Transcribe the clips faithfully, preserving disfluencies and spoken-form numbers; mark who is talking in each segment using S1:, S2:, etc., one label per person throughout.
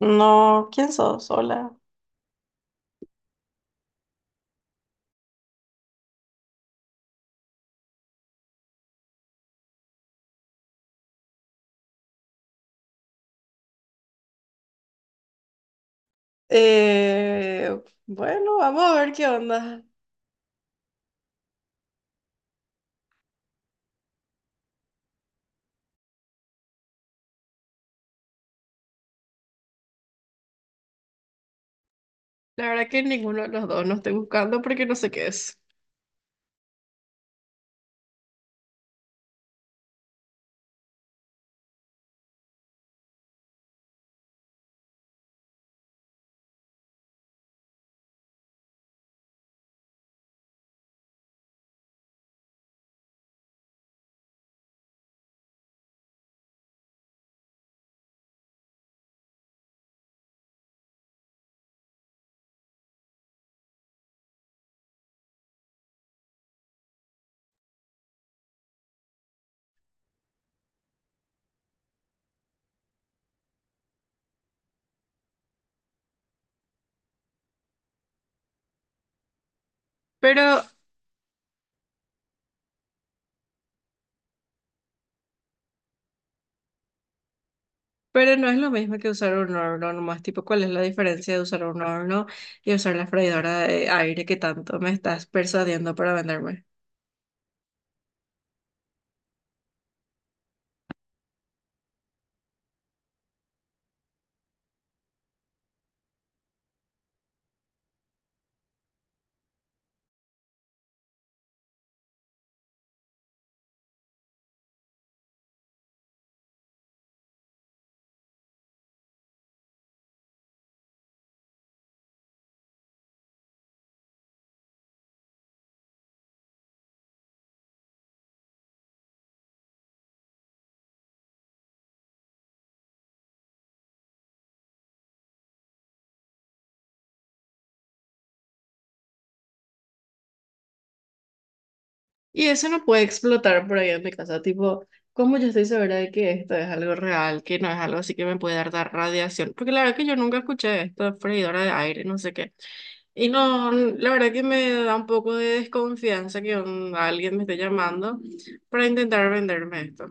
S1: No, ¿quién sos? Hola. Eh, bueno, vamos a ver qué onda. La verdad que ninguno de los dos no estoy buscando porque no sé qué es. Pero, pero no es lo mismo que usar un horno nomás. Tipo, ¿cuál es la diferencia de usar un horno y usar la freidora de aire que tanto me estás persuadiendo para venderme? Y eso no puede explotar por ahí en mi casa. Tipo, ¿cómo yo estoy segura de que esto es algo real, que no es algo así que me puede dar, dar radiación? Porque la verdad que yo nunca escuché esto de freidora de aire, no sé qué. Y no, la verdad que me da un poco de desconfianza que un- alguien me esté llamando para intentar venderme esto.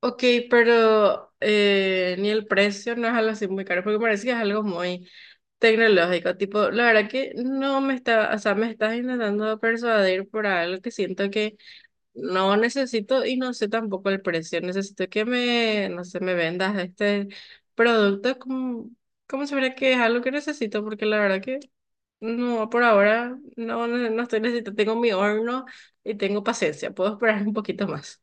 S1: Ok, pero eh, ni el precio no es algo así muy caro, porque parece que es algo muy tecnológico. Tipo, la verdad que no me está, o sea, me estás intentando persuadir por algo que siento que no necesito y no sé tampoco el precio. Necesito que me, no sé, me vendas este producto como, como si fuera que es algo que necesito, porque la verdad que no, por ahora no, no, no estoy necesitando. Tengo mi horno y tengo paciencia. Puedo esperar un poquito más.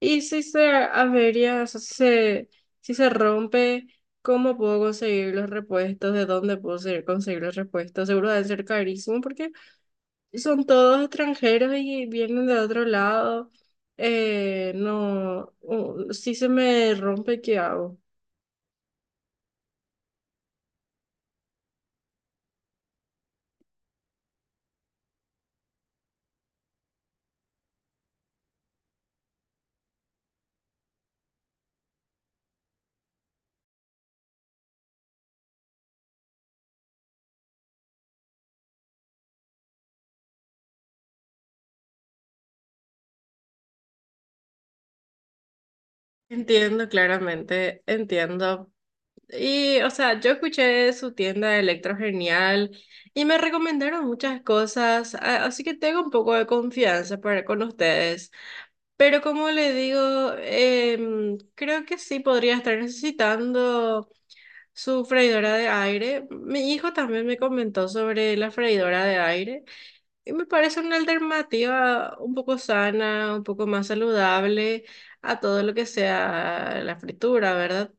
S1: Y si se avería, o sea, si se, si se rompe, ¿cómo puedo conseguir los repuestos? ¿De dónde puedo se- conseguir los repuestos? Seguro deben ser carísimos porque son todos extranjeros y vienen de otro lado. Eh, no, uh, si se me rompe, ¿qué hago? Entiendo claramente, entiendo. Y, o sea, yo escuché su tienda de Electro Genial y me recomendaron muchas cosas, a- así que tengo un poco de confianza para con ustedes. Pero como le digo, em, creo que sí podría estar necesitando su freidora de aire. Mi hijo también me comentó sobre la freidora de aire y me parece una alternativa un poco sana, un poco más saludable a todo lo que sea la fritura, ¿verdad?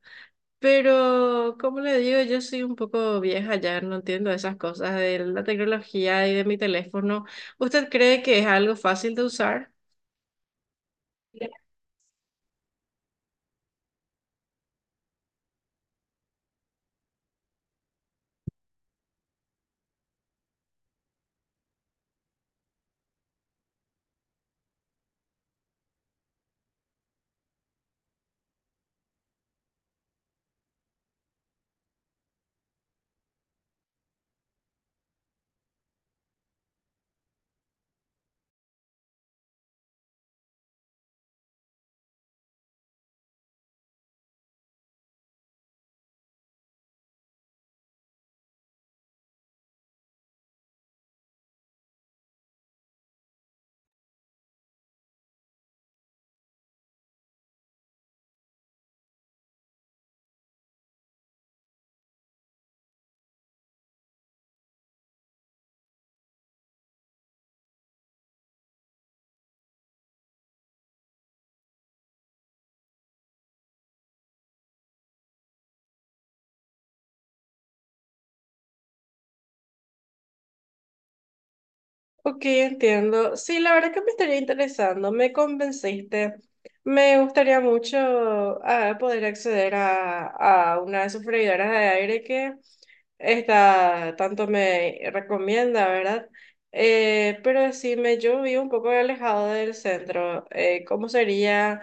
S1: Pero, como le digo, yo soy un poco vieja ya, no entiendo esas cosas de la tecnología y de mi teléfono. ¿Usted cree que es algo fácil de usar? Ok, entiendo. Sí, la verdad que me estaría interesando, me convenciste. Me gustaría mucho ah, poder acceder a, a una de sus freidoras de aire que esta tanto me recomienda, ¿verdad? Eh, pero decime, yo vivo un poco alejado del centro. Eh, ¿cómo sería?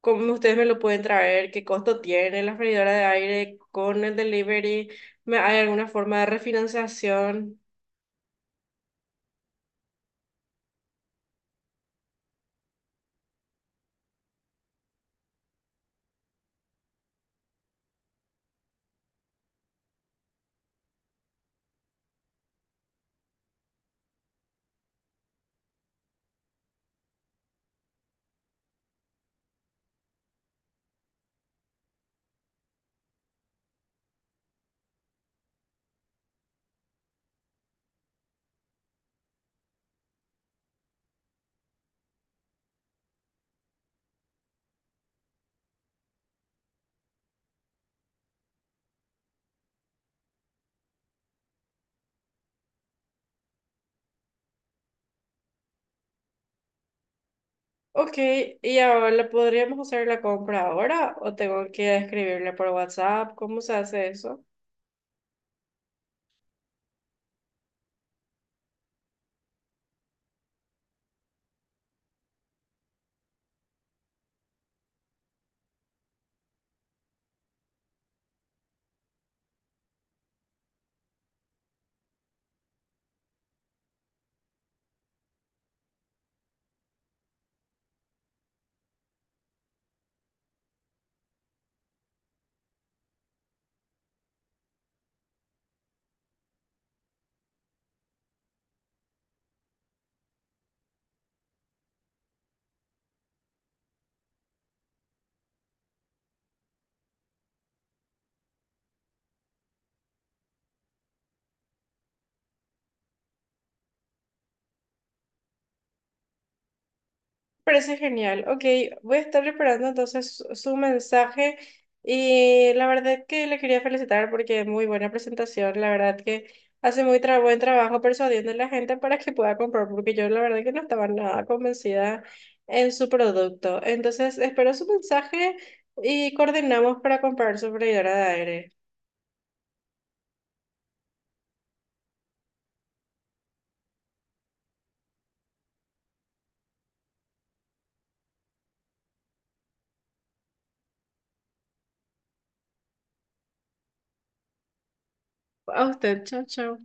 S1: ¿Cómo ustedes me lo pueden traer, qué costo tiene la freidora de aire con el delivery, ¿Me- hay alguna forma de refinanciación? Ok, ¿y ahora podríamos hacer la compra ahora o tengo que escribirle por WhatsApp? ¿Cómo se hace eso? Parece genial. Ok, voy a estar preparando entonces su su mensaje y la verdad que le quería felicitar porque muy buena presentación. La verdad que hace muy tra- buen trabajo persuadiendo a la gente para que pueda comprar porque yo la verdad que no estaba nada convencida en su producto. Entonces espero su mensaje y coordinamos para comprar su freidora de aire. A usted, chao, chao.